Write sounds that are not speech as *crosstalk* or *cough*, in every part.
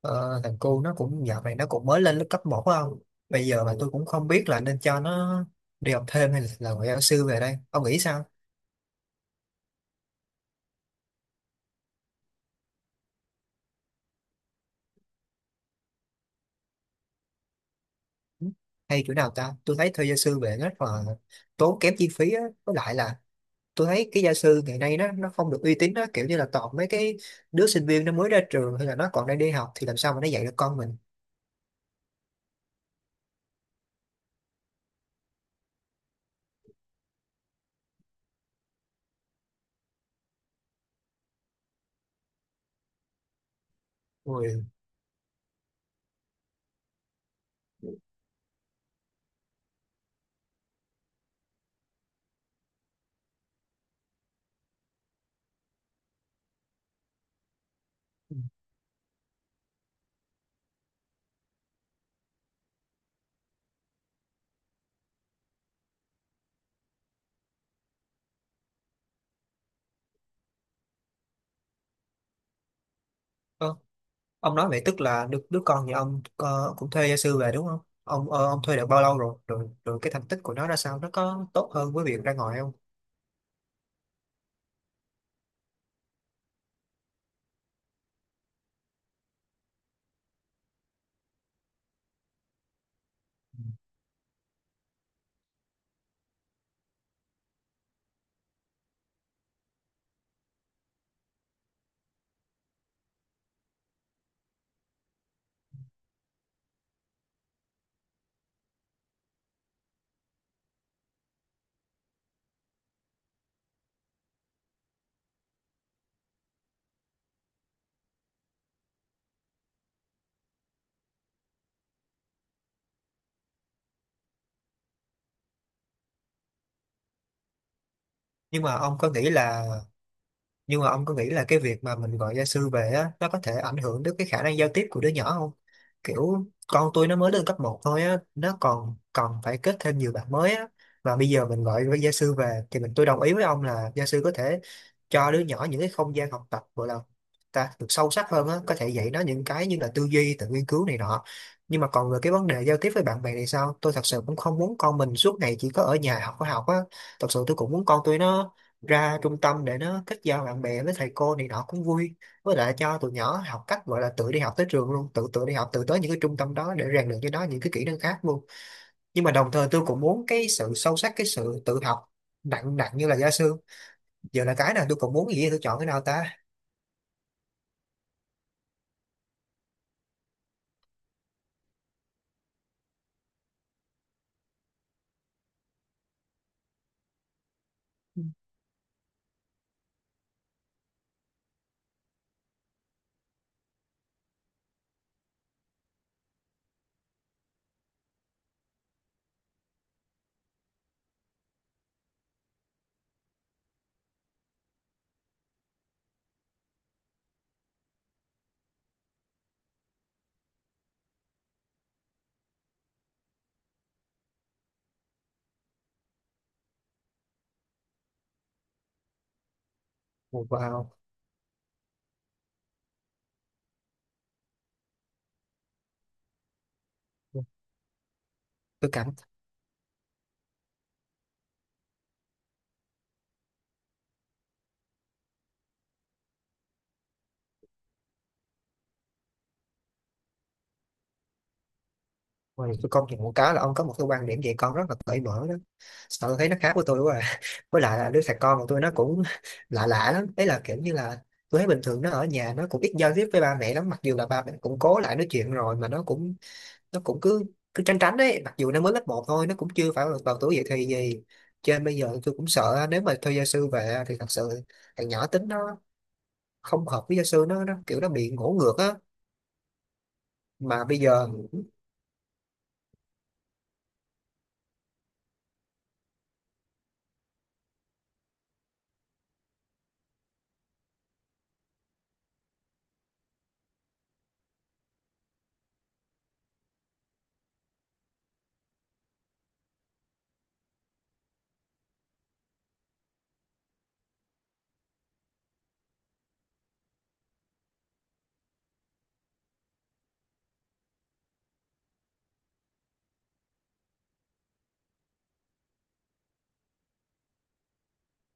Ờ, Thằng cu nó cũng dạo này nó cũng mới lên lớp cấp 1 không? Bây giờ mà tôi cũng không biết là nên cho nó đi học thêm hay là làm ngoại giao sư về đây. Ông nghĩ sao? Ừ. Hay chỗ nào ta? Tôi thấy thuê gia sư về rất là tốn kém chi phí á. Với lại là tôi thấy cái gia sư ngày nay nó không được uy tín đó. Kiểu như là toàn mấy cái đứa sinh viên nó mới ra trường hay là nó còn đang đi học thì làm sao mà nó dạy được con mình. Ui. Ông nói vậy tức là đứa con nhà ông cũng thuê gia sư về đúng không? Ông thuê được bao lâu rồi? Rồi cái thành tích của nó ra sao? Nó có tốt hơn với việc ra ngoài không? Nhưng mà ông có nghĩ là nhưng mà ông có nghĩ là cái việc mà mình gọi gia sư về á nó có thể ảnh hưởng đến cái khả năng giao tiếp của đứa nhỏ không? Kiểu con tôi nó mới lên cấp một thôi á, nó còn còn phải kết thêm nhiều bạn mới á. Mà bây giờ mình gọi với gia sư về thì mình tôi đồng ý với ông là gia sư có thể cho đứa nhỏ những cái không gian học tập gọi là ta được sâu sắc hơn á, có thể dạy nó những cái như là tư duy tự nghiên cứu này nọ. Nhưng mà còn về cái vấn đề giao tiếp với bạn bè thì sao, tôi thật sự cũng không muốn con mình suốt ngày chỉ có ở nhà học có học á. Thật sự tôi cũng muốn con tôi nó ra trung tâm để nó kết giao bạn bè với thầy cô này nọ cũng vui. Với lại cho tụi nhỏ học cách gọi là tự đi học tới trường luôn, tự tự đi học tự tới những cái trung tâm đó để rèn luyện cho nó những cái kỹ năng khác luôn. Nhưng mà đồng thời tôi cũng muốn cái sự sâu sắc, cái sự tự học nặng nặng như là gia sư. Giờ là cái nào tôi cũng muốn, gì tôi chọn cái nào ta. Vào tôi cảm. Ôi, tôi công nhận một cái là ông có một cái quan điểm về con rất là cởi mở đó. Sao tôi thấy nó khác với tôi quá à. *laughs* Với lại là đứa thằng con của tôi nó cũng *laughs* lạ lạ lắm đấy, là kiểu như là tôi thấy bình thường nó ở nhà nó cũng ít giao tiếp với ba mẹ lắm, mặc dù là ba mẹ cũng cố lại nói chuyện rồi mà nó cũng cứ cứ tránh tránh đấy. Mặc dù nó mới lớp một thôi, nó cũng chưa phải vào tuổi dậy thì gì. Cho nên bây giờ tôi cũng sợ nếu mà thuê gia sư về thì thật sự thằng nhỏ tính nó không hợp với gia sư, nó kiểu nó bị ngổ ngược á. mà bây giờ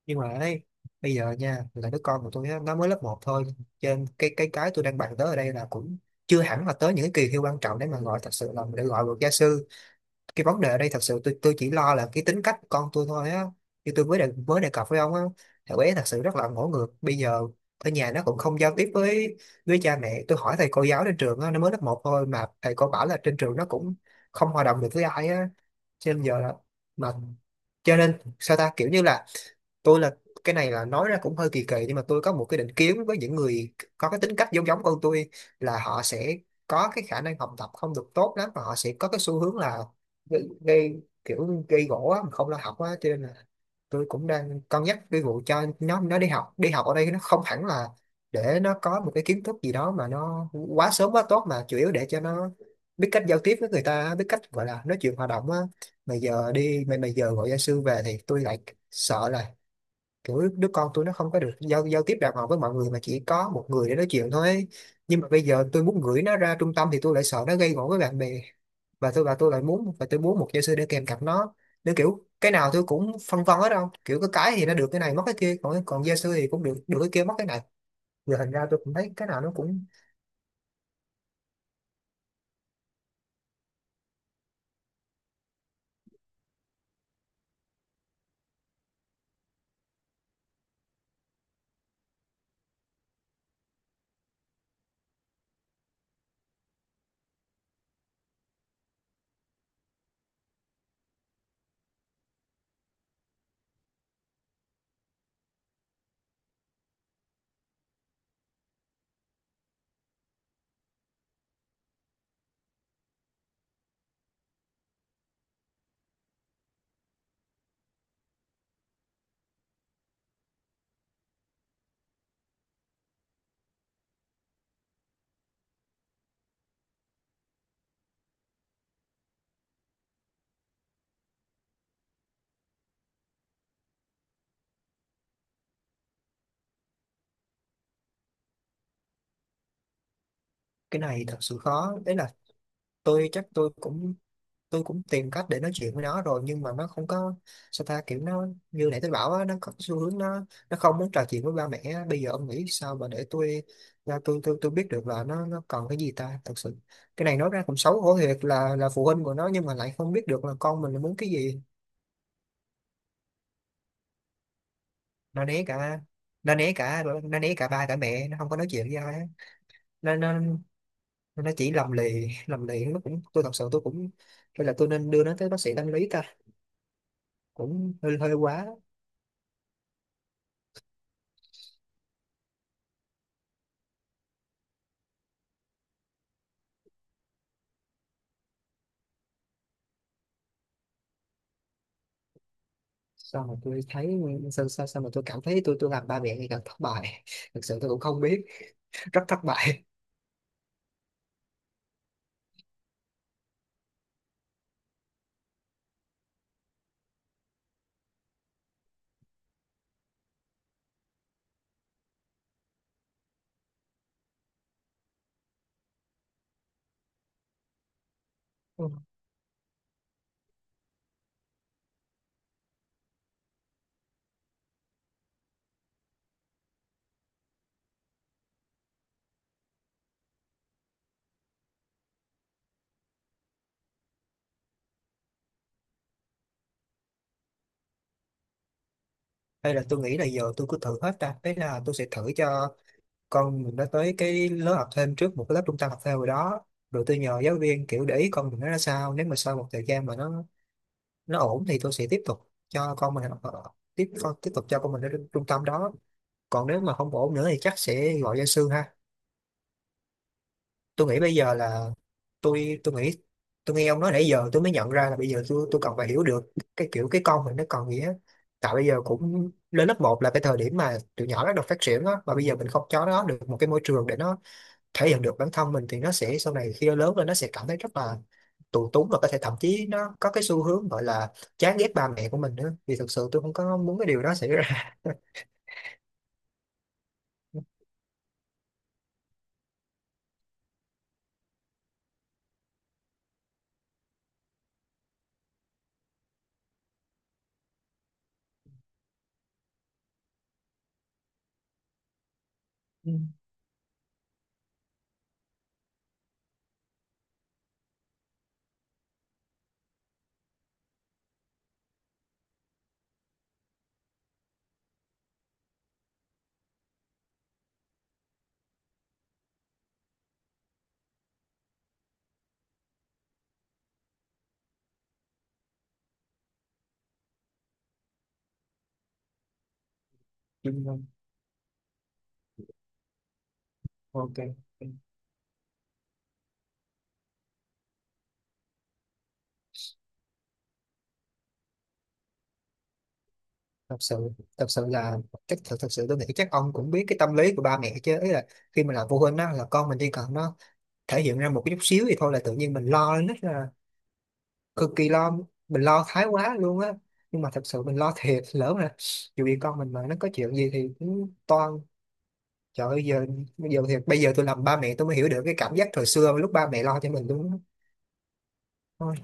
nhưng mà ấy bây giờ nha là đứa con của tôi á, nó mới lớp một thôi, cho nên cái tôi đang bàn tới ở đây là cũng chưa hẳn là tới những cái kỳ thi quan trọng để mà gọi thật sự là để gọi được gia sư. Cái vấn đề ở đây thật sự tôi chỉ lo là cái tính cách của con tôi thôi á. Như tôi mới đề cập với ông á, thằng bé thật sự rất là ngỗ ngược. Bây giờ ở nhà nó cũng không giao tiếp với cha mẹ. Tôi hỏi thầy cô giáo trên trường á, nó mới lớp một thôi mà thầy cô bảo là trên trường nó cũng không hòa đồng được với ai á. cho nên giờ là mà cho nên sao ta, kiểu như là tôi là, cái này là nói ra cũng hơi kỳ kỳ nhưng mà tôi có một cái định kiến với những người có cái tính cách giống giống con tôi, là họ sẽ có cái khả năng học tập không được tốt lắm và họ sẽ có cái xu hướng là gây kiểu gây gổ á, mà không lo học á. Cho nên là tôi cũng đang cân nhắc cái vụ cho nó đi học ở đây. Nó không hẳn là để nó có một cái kiến thức gì đó mà nó quá sớm quá tốt, mà chủ yếu để cho nó biết cách giao tiếp với người ta, biết cách gọi là nói chuyện hòa đồng á. Mà giờ gọi gia sư về thì tôi lại sợ là kiểu đứa con tôi nó không có được giao giao tiếp đàng hoàng với mọi người mà chỉ có một người để nói chuyện thôi ấy. Nhưng mà bây giờ tôi muốn gửi nó ra trung tâm thì tôi lại sợ nó gây gổ với bạn bè. Và tôi lại muốn, và tôi muốn một giáo sư để kèm cặp nó. Nên kiểu cái nào tôi cũng phân vân hết đâu, kiểu cái thì nó được cái này mất cái kia, còn còn gia sư thì cũng được được cái kia mất cái này. Rồi thành ra tôi cũng thấy cái nào nó cũng, cái này thật sự khó đấy. Là tôi chắc tôi cũng tìm cách để nói chuyện với nó rồi nhưng mà nó không có. Sao ta, kiểu nó như nãy tôi bảo á, nó có xu hướng nó không muốn trò chuyện với ba mẹ á. Bây giờ ông nghĩ sao mà để tôi biết được là nó cần cái gì ta thật sự. Cái này nói ra cũng xấu hổ thiệt, là phụ huynh của nó nhưng mà lại không biết được là con mình muốn cái gì. Nó né cả nó né cả nó né cả ba cả mẹ, nó không có nói chuyện với ai á. nó nó nó chỉ lầm lì, nó cũng, tôi thật sự tôi cũng, hay là tôi nên đưa nó tới bác sĩ tâm lý ta? Cũng hơi hơi quá. Sao mà tôi thấy sao, sao, sao mà tôi cảm thấy tôi làm ba mẹ ngày càng thất bại. *laughs* Thực sự tôi cũng không biết. *laughs* Rất thất bại. *laughs* Ừ. Hay là tôi nghĩ là giờ tôi cứ thử hết ta. Thế là tôi sẽ thử cho con mình nó tới cái lớp học thêm trước, một cái lớp trung tâm học thêm rồi đó. Rồi tôi nhờ giáo viên kiểu để ý con mình nó ra sao, nếu mà sau một thời gian mà nó ổn thì tôi sẽ tiếp tục cho con mình học ở- tiếp tiếp tục cho con mình đến trung tâm đó. Còn nếu mà không ổn nữa thì chắc sẽ gọi gia sư ha. Tôi nghĩ bây giờ là, tôi nghĩ, tôi nghe ông nói nãy giờ tôi mới nhận ra là bây giờ tôi cần phải hiểu được cái kiểu cái con mình nó còn nghĩa. Tại bây giờ cũng lên lớp một là cái thời điểm mà tụi nhỏ bắt đầu phát triển á, và bây giờ mình không cho nó được một cái môi trường để nó thể hiện được bản thân mình thì nó sẽ, sau này khi nó lớn lên nó sẽ cảm thấy rất là tù túng và có thể thậm chí nó có cái xu hướng gọi là chán ghét ba mẹ của mình nữa, vì thực sự tôi không có muốn cái điều đó xảy ra. Ừ, đúng rồi. Ok, thật sự, thật sự là chắc thật sự tôi nghĩ chắc ông cũng biết cái tâm lý của ba mẹ chứ, ý là khi mà làm phụ huynh á là con mình chỉ cần nó thể hiện ra một cái chút xíu thì thôi là tự nhiên mình lo lên rất là cực kỳ lo, mình lo thái quá luôn á. Nhưng mà thật sự mình lo thiệt, lỡ mà dù gì con mình mà nó có chuyện gì thì cũng toan, trời ơi giờ, bây giờ thiệt, bây giờ tôi làm ba mẹ tôi mới hiểu được cái cảm giác thời xưa lúc ba mẹ lo cho mình luôn á. Thôi.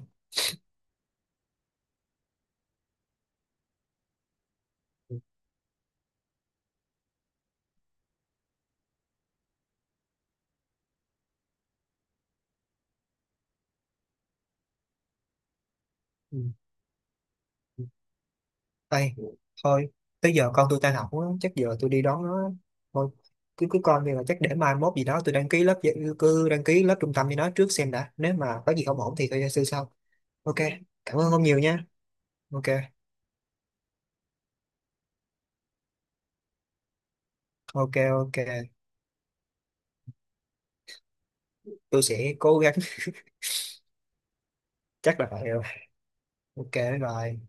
Ừ. Ê, thôi, tới giờ con tôi tan học á, chắc giờ tôi đi đón nó. Thôi, cứ cứ coi đi, là chắc để mai mốt gì đó tôi đăng ký lớp dạy- cứ đăng ký lớp trung tâm với nó trước xem đã. Nếu mà có gì không ổn thì tôi sư sau. Ok, cảm ơn ông nhiều nha. Ok, ok, ok. Tôi sẽ cố gắng. *laughs* Chắc là vậy rồi. Ok, bye bye.